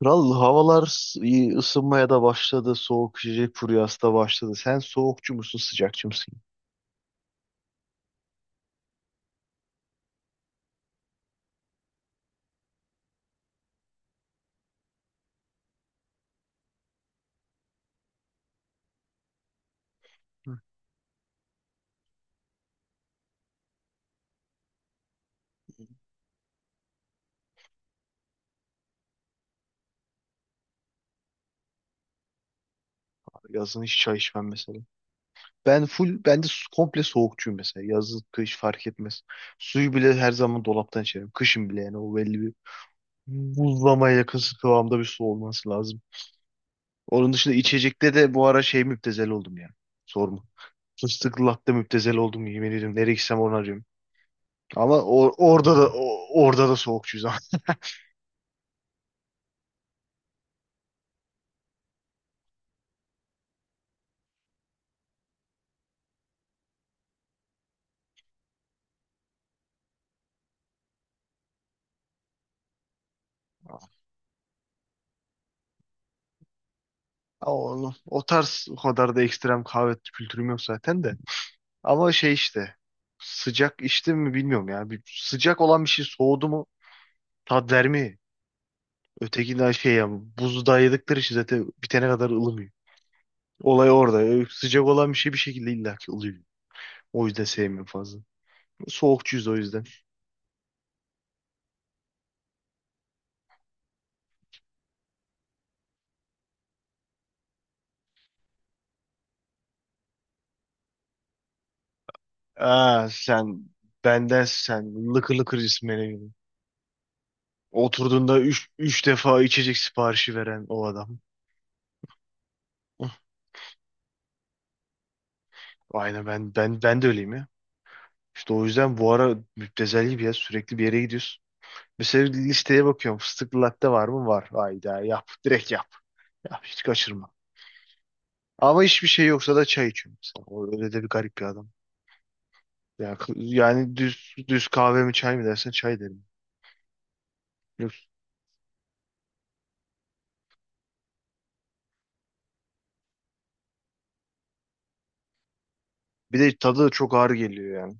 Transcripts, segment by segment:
Kral havalar iyi ısınmaya da başladı. Soğuk içecek furyası da başladı. Sen soğukçu musun, sıcakçı mısın? Yazın hiç çay içmem mesela. Ben full, komple soğukçuyum mesela. Yaz, kış fark etmez. Suyu bile her zaman dolaptan içerim. Kışın bile yani o belli bir buzlamaya yakın kıvamda bir su olması lazım. Onun dışında içecekte de bu ara şey müptezel oldum ya. Sorma. Fıstıklı latte müptezel oldum, yemin ediyorum. Nereye gitsem onu arıyorum. Ama orada da soğukçuyuz ama. Oğlum, o tarz o kadar da ekstrem kahve kültürüm yok zaten de. Ama şey işte, sıcak içtim mi bilmiyorum ya. Bir, sıcak olan bir şey soğudu mu tat vermiyor. Ötekinden şey, yani buzu dayadıkları için zaten bitene kadar ılımıyor. Olay orada. Sıcak olan bir şey bir şekilde illaki ılıyor. O yüzden sevmiyorum fazla. Soğukçuyuz o yüzden. Aa sen benden lıkır lıkır cismene gibi. Oturduğunda üç defa içecek siparişi veren o adam. Hıh, aynen ben de öyleyim ya. İşte o yüzden bu ara müptezel gibi ya, sürekli bir yere gidiyoruz. Mesela listeye bakıyorum, fıstıklı latte var mı? Var. Hayda yap, direkt yap. Ya hiç kaçırma. Ama hiçbir şey yoksa da çay içiyorum mesela. O öyle de bir garip bir adam. Ya, yani düz kahve mi çay mı dersen çay derim. Yok. Bir de tadı da çok ağır geliyor yani.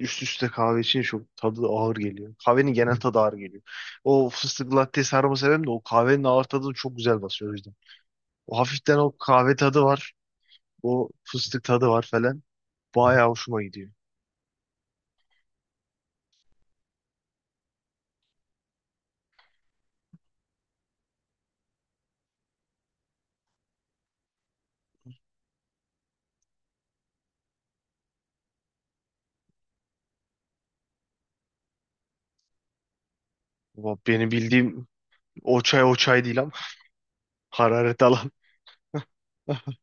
Üst üste kahve için çok tadı ağır geliyor. Kahvenin genel tadı ağır geliyor. O fıstıklı latte sarma sebebim de o kahvenin ağır tadını çok güzel basıyor o yüzden. O hafiften o kahve tadı var. O fıstık tadı var falan. Bayağı hoşuma gidiyor. Ama benim bildiğim o çay o çay değil ama hararet alan.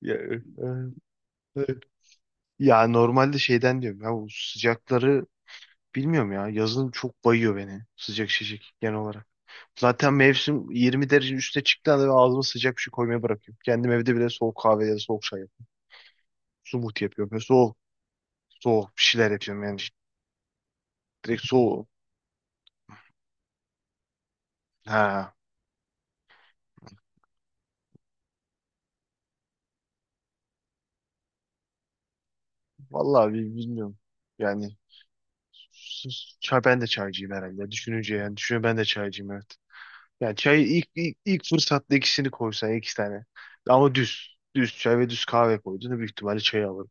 Ya, e, e. Ya normalde şeyden diyorum ya, bu sıcakları bilmiyorum ya, yazın çok bayıyor beni sıcak şişik genel olarak. Zaten mevsim 20 derece üstüne çıktığında anda ben ağzıma sıcak bir şey koymayı bırakıyorum. Kendim evde bile soğuk kahve ya da soğuk çay yapıyorum. Smoothie yapıyorum. Böyle soğuk bir şeyler yapıyorum yani, direkt soğuk. Ha, vallahi bilmiyorum. Yani çay, ben de çaycıyım herhalde. Düşününce, yani düşünüyorum, ben de çaycıyım evet. Yani çayı ilk fırsatta ikisini koysan iki tane. Ama düz. Düz çay ve düz kahve koyduğunda büyük ihtimalle çayı alırım.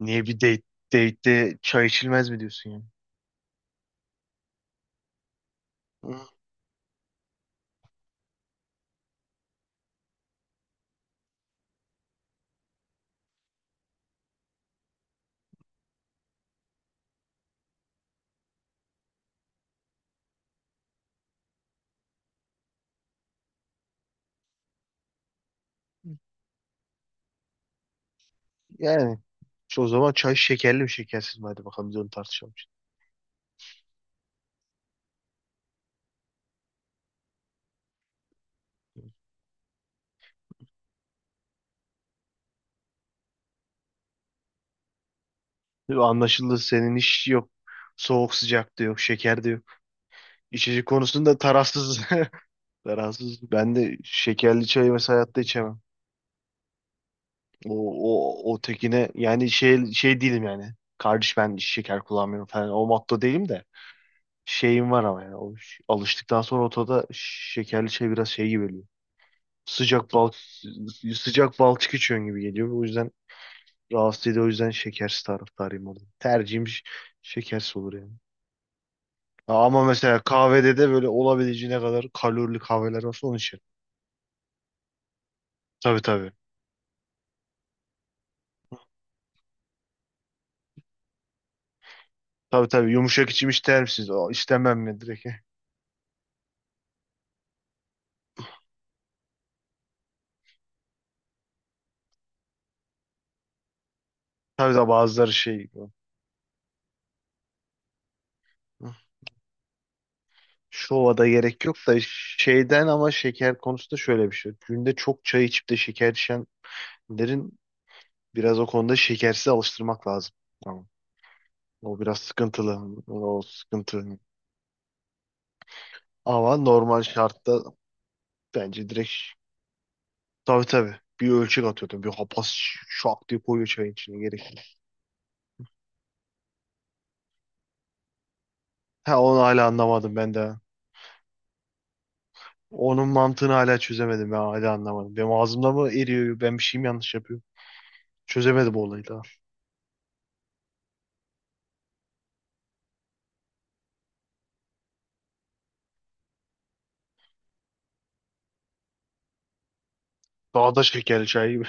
Niye, date'de çay içilmez mi diyorsun yani? Hı. Yani işte o zaman çay şekerli mi şekersiz mi? Hadi bakalım biz onu tartışalım. Şimdi anlaşıldı, senin iş yok. Soğuk sıcak da yok. Şeker de yok. İçecek konusunda tarafsız. Tarafsız. Ben de şekerli çayı mesela hayatta içemem. O, o tekine yani şey, şey değilim yani. Kardeş ben şeker kullanmıyorum falan. O motto değilim de. Şeyim var ama yani. O, alıştıktan sonra otoda şekerli şey biraz şey gibi geliyor. Sıcak bal Sıcak balçık içiyorsun gibi geliyor. O yüzden rahatsız ediyor. O yüzden şekersiz taraftarıyım orada. Tercihim şekersiz olur yani. Ha, ama mesela kahvede de böyle olabileceğine kadar kalorili kahveler olsa onu içerim. Tabii tabii. Tabii tabii. Yumuşak içim ister misiniz? Aa, İstemem mi direkt? Tabii de bazıları şey. Şova da gerek yok da şeyden, ama şeker konusunda şöyle bir şey. Günde çok çay içip de şeker içenlerin biraz o konuda şekersiz alıştırmak lazım. Tamam. O biraz sıkıntılı. O sıkıntı. Ama normal şartta bence direkt, tabii tabii, bir ölçek atıyordum. Bir hapaz şak diye koyuyor çayın içine, gerek yok. Ha onu hala anlamadım ben de. Onun mantığını hala çözemedim, ben hala anlamadım. Benim ağzımda mı eriyor? Ben bir şey mi yanlış yapıyorum? Çözemedim o olayı daha. Daha da şekerli çay gibi.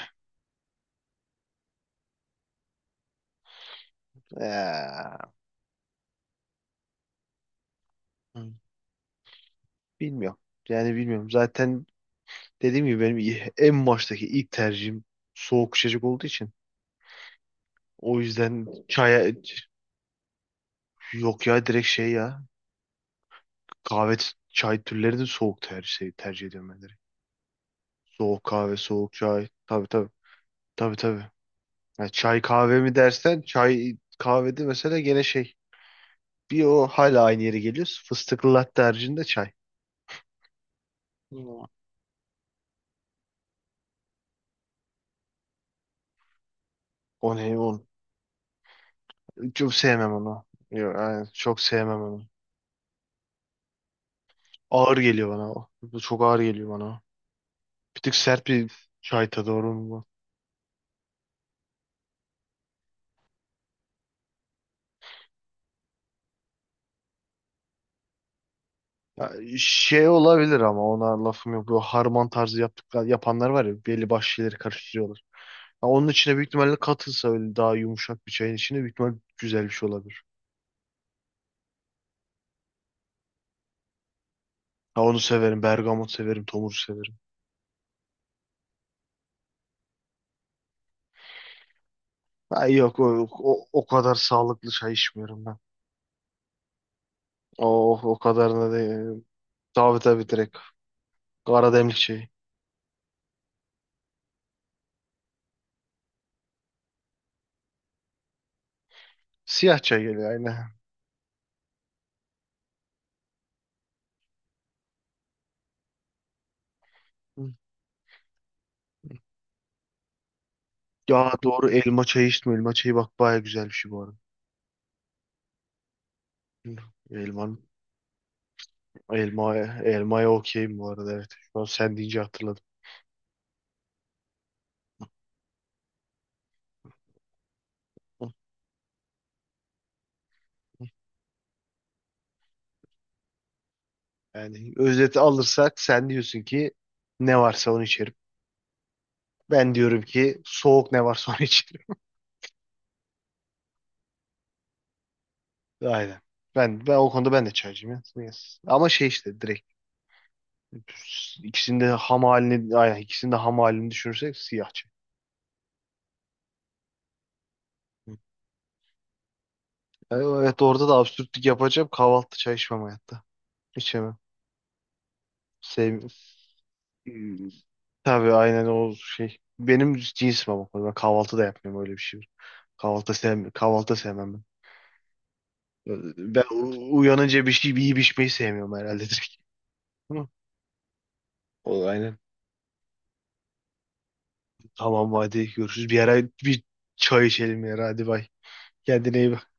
Eee. Bilmiyorum. Yani bilmiyorum. Zaten dediğim gibi benim, en baştaki ilk tercihim soğuk içecek olduğu için. O yüzden çaya, yok ya, direkt şey ya, kahve çay türleri de soğuk tercih şey, tercih ediyorum ben direkt. Soğuk kahve, soğuk çay. Tabii tabii. Tabii tabii. Ya çay kahve mi dersen, çay kahvede mesela gene şey, bir o hala aynı yere geliyoruz. Fıstıklı latte haricinde çay. Hmm. O ne? O, çok sevmem onu. Yok, aynen, çok sevmem onu. Ağır geliyor bana o. Bu çok ağır geliyor bana. Bir tık sert bir çayta doğru mu bu? Ya, şey olabilir ama ona lafım yok. Bu harman tarzı yaptıklar, yapanlar var ya, belli başlı şeyleri karıştırıyorlar. Ha, onun içine büyük ihtimalle katılsa öyle, daha yumuşak bir çayın içine büyük ihtimalle güzel bir şey olabilir. Ha, onu severim. Bergamot severim. Tomur severim. Ha, yok o kadar sağlıklı çay içmiyorum ben. O kadarına da tabii tabii direkt. Kara demlik çayı. Siyah çay geliyor aynen. Hı. Ya doğru, elma çayı içtim. Elma çayı bak baya güzel bir şey bu arada. Elman, elmaya okeyim bu arada evet. Şu an sen deyince hatırladım. Yani özeti alırsak sen diyorsun ki ne varsa onu içerim. Ben diyorum ki soğuk ne varsa onu içerim. Aynen. Ben o konuda ben de çaycıyım ya. Yes. Ama şey işte direkt ikisinin de ham halini, aynen, ikisinin de ham halini düşünürsek siyah çay. Hı. Evet, orada da absürtlük yapacağım. Kahvaltı çay içmem hayatta. İçemem. Sevmiyorum. Tabii aynen o şey. Benim cinsim ama. Ben kahvaltı da yapmıyorum öyle bir şey. Kahvaltı sevmem. Kahvaltı sevmem ben. Ben uyanınca bir şey bir yiyip içmeyi sevmiyorum herhalde direkt. Ama O aynen. Tamam hadi görüşürüz. Bir ara bir çay içelim ya. Hadi bay. Kendine iyi bak.